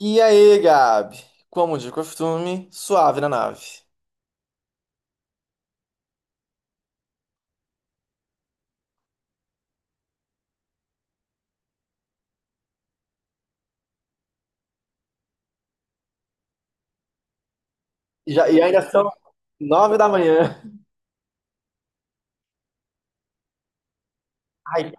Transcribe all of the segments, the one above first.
E aí, Gabi? Como de costume, suave na nave. E ainda são 9 da manhã. Ai.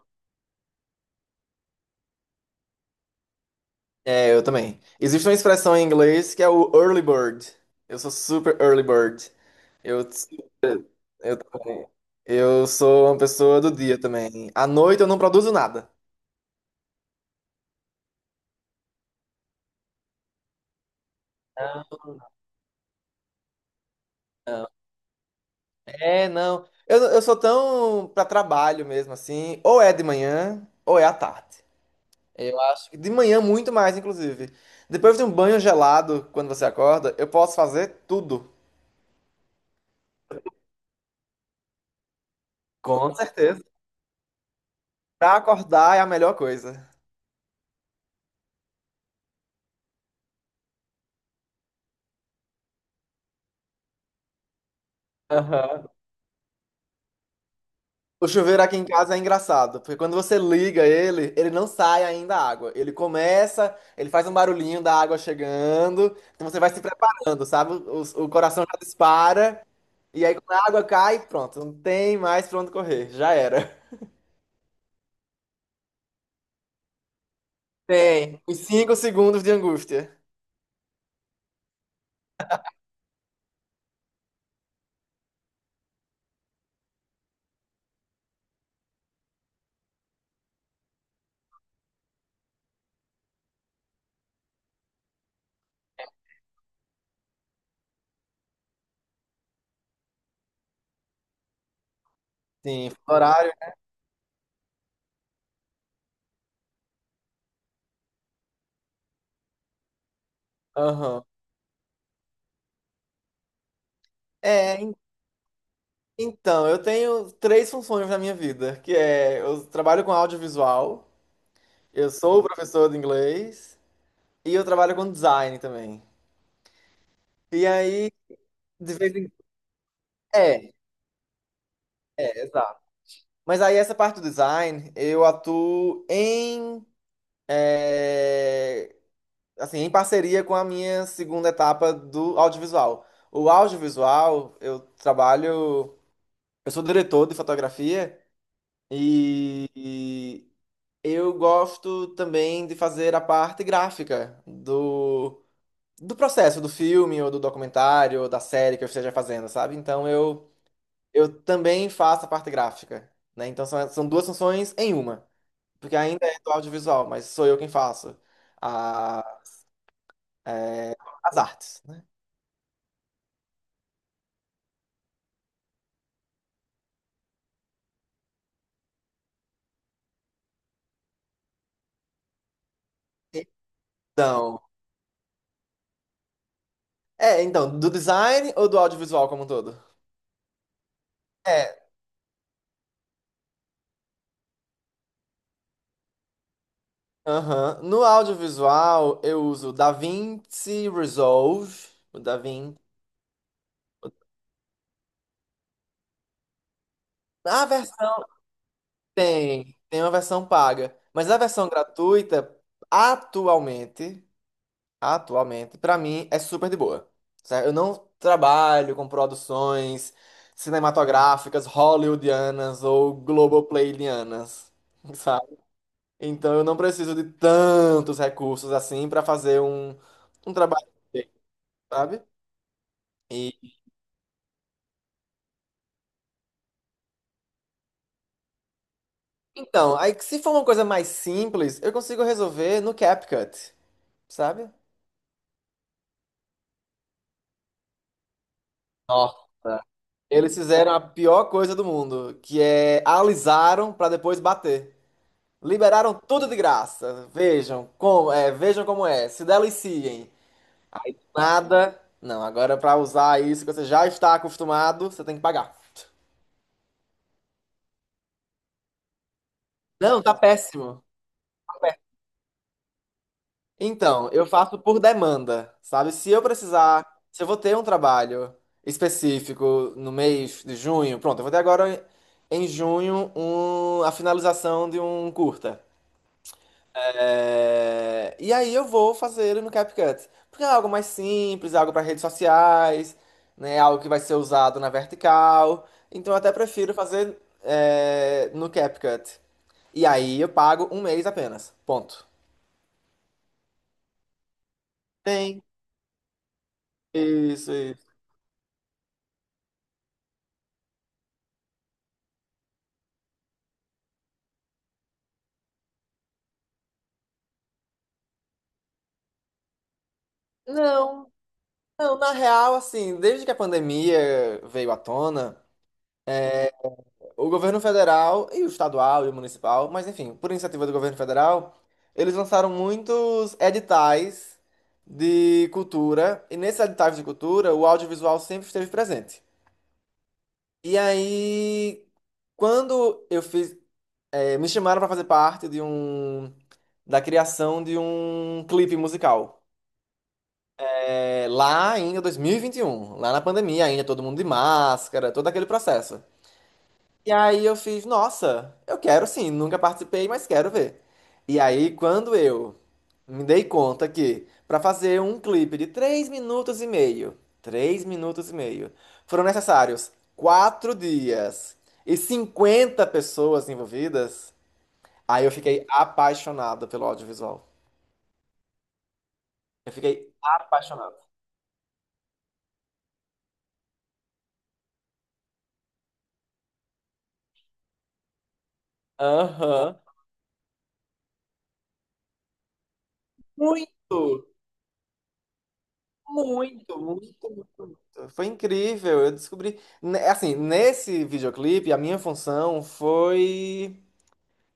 É, eu também. Existe uma expressão em inglês que é o early bird. Eu sou super early bird. Eu, eu também. Eu sou uma pessoa do dia também. À noite eu não produzo nada. Não, não. É, não. Eu sou tão pra trabalho mesmo, assim. Ou é de manhã, ou é à tarde. Eu acho que de manhã muito mais, inclusive. Depois de um banho gelado, quando você acorda, eu posso fazer tudo. Com certeza. Pra acordar é a melhor coisa. Aham. O chuveiro aqui em casa é engraçado, porque quando você liga ele, ele não sai ainda a água. Ele começa, ele faz um barulhinho da água chegando, então você vai se preparando, sabe? O coração já dispara, e aí quando a água cai, pronto, não tem mais pra onde correr, já era. Tem uns 5 segundos de angústia. Sim, horário. Aham. É, en- então, eu tenho três funções na minha vida, que é eu trabalho com audiovisual, eu sou professor de inglês e eu trabalho com design também. E aí, de vez em é, é, exato. Mas aí essa parte do design, eu atuo em é, assim, em parceria com a minha segunda etapa do audiovisual. O audiovisual, eu trabalho, eu sou diretor de fotografia e eu gosto também de fazer a parte gráfica do, do processo do filme, ou do documentário, ou da série que eu esteja fazendo, sabe? Então eu também faço a parte gráfica, né? Então são, são duas funções em uma, porque ainda é do audiovisual, mas sou eu quem faço a, as artes, né? Então, então, do design ou do audiovisual como um todo? É, aham. No audiovisual eu uso DaVinci Resolve, o DaVinci. Tem uma versão paga, mas a versão gratuita atualmente, atualmente, para mim é super de boa. Certo? Eu não trabalho com produções cinematográficas hollywoodianas ou globoplayianas, sabe? Então eu não preciso de tantos recursos assim para fazer um, um trabalho, bem, sabe? E, então, aí se for uma coisa mais simples, eu consigo resolver no CapCut, sabe? Nossa. Eles fizeram a pior coisa do mundo, que é alisaram pra depois bater. Liberaram tudo de graça. Vejam como é, vejam como é. Se deliciem. Nada. Não, agora pra usar isso que você já está acostumado, você tem que pagar. Não, tá péssimo. Tá péssimo. Então, eu faço por demanda, sabe? Se eu precisar, se eu vou ter um trabalho específico no mês de junho, pronto, eu vou ter agora em junho a finalização de um curta. E aí eu vou fazer no CapCut. Porque é algo mais simples, é algo para redes sociais, né? Algo que vai ser usado na vertical. Então eu até prefiro fazer no CapCut. E aí eu pago um mês apenas. Ponto. Tem. Isso, isso. Não, não, na real, assim, desde que a pandemia veio à tona. O governo federal e o estadual e o municipal, mas enfim, por iniciativa do governo federal, eles lançaram muitos editais de cultura, e nesses editais de cultura, o audiovisual sempre esteve presente. E aí, quando eu fiz, me chamaram para fazer parte de da criação de um clipe musical. É, lá ainda 2021, lá na pandemia ainda todo mundo de máscara, todo aquele processo. E aí eu fiz, nossa, eu quero sim, nunca participei, mas quero ver. E aí quando eu me dei conta que para fazer um clipe de 3 minutos e meio, 3 minutos e meio, foram necessários 4 dias e 50 pessoas envolvidas, aí eu fiquei apaixonado pelo audiovisual. Eu fiquei apaixonado. Aham. Muito! Muito, muito, muito. Foi incrível. Eu descobri. Assim, nesse videoclipe, a minha função foi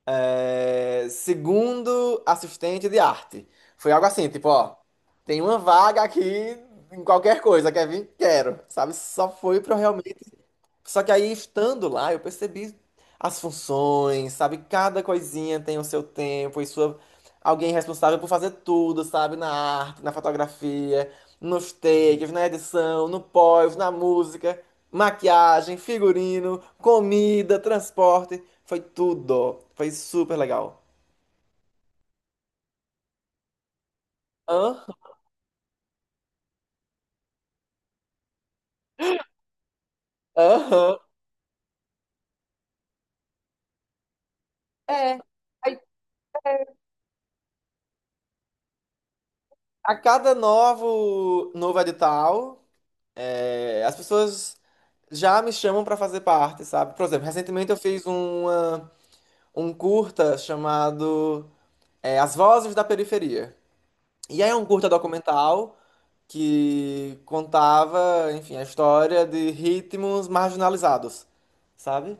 segundo assistente de arte. Foi algo assim, tipo, ó, tem uma vaga aqui em qualquer coisa, quer vir? Quero. Sabe? Só foi pra eu realmente. Só que aí, estando lá, eu percebi as funções, sabe? Cada coisinha tem o seu tempo e sua... Alguém responsável por fazer tudo, sabe? Na arte, na fotografia, nos takes, na edição, no pós, na música, maquiagem, figurino, comida, transporte. Foi tudo. Foi super legal. Aham, aham. É. Aí, a cada novo edital. É, as pessoas já me chamam para fazer parte, sabe? Por exemplo, recentemente eu fiz um curta chamado As Vozes da Periferia. E aí é um curta documental que contava, enfim, a história de ritmos marginalizados, sabe?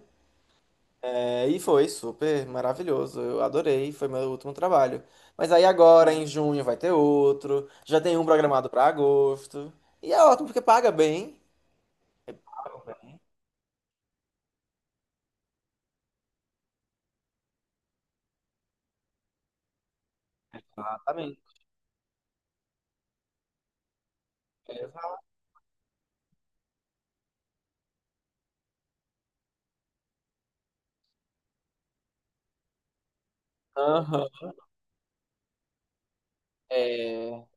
É, e foi super maravilhoso, eu adorei, foi meu último trabalho. Mas aí agora, em junho, vai ter outro, já tem um programado para agosto. E é ótimo porque paga bem. Exatamente. Exato. É,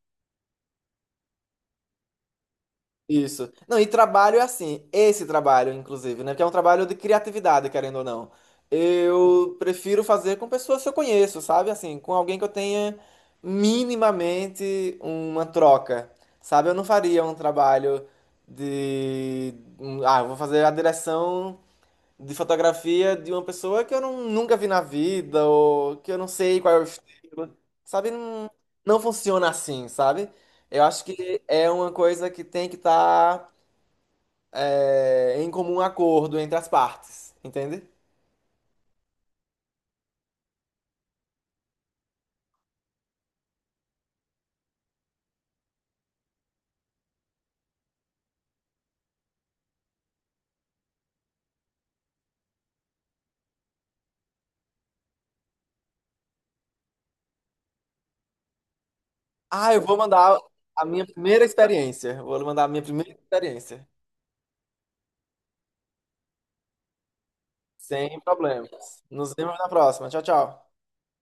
isso. Não, e trabalho é assim, esse trabalho, inclusive, né? Porque é um trabalho de criatividade, querendo ou não. Eu prefiro fazer com pessoas que eu conheço, sabe? Assim, com alguém que eu tenha minimamente uma troca, sabe? Eu não faria um trabalho de. Ah, eu vou fazer a direção de fotografia de uma pessoa que eu não, nunca vi na vida, ou que eu não sei qual é o estilo, sabe? Não, não funciona assim, sabe? Eu acho que é uma coisa que tem que estar em comum acordo entre as partes, entende? Ah, eu vou mandar a minha primeira experiência. Vou mandar a minha primeira experiência. Sem problemas. Nos vemos na próxima. Tchau, tchau.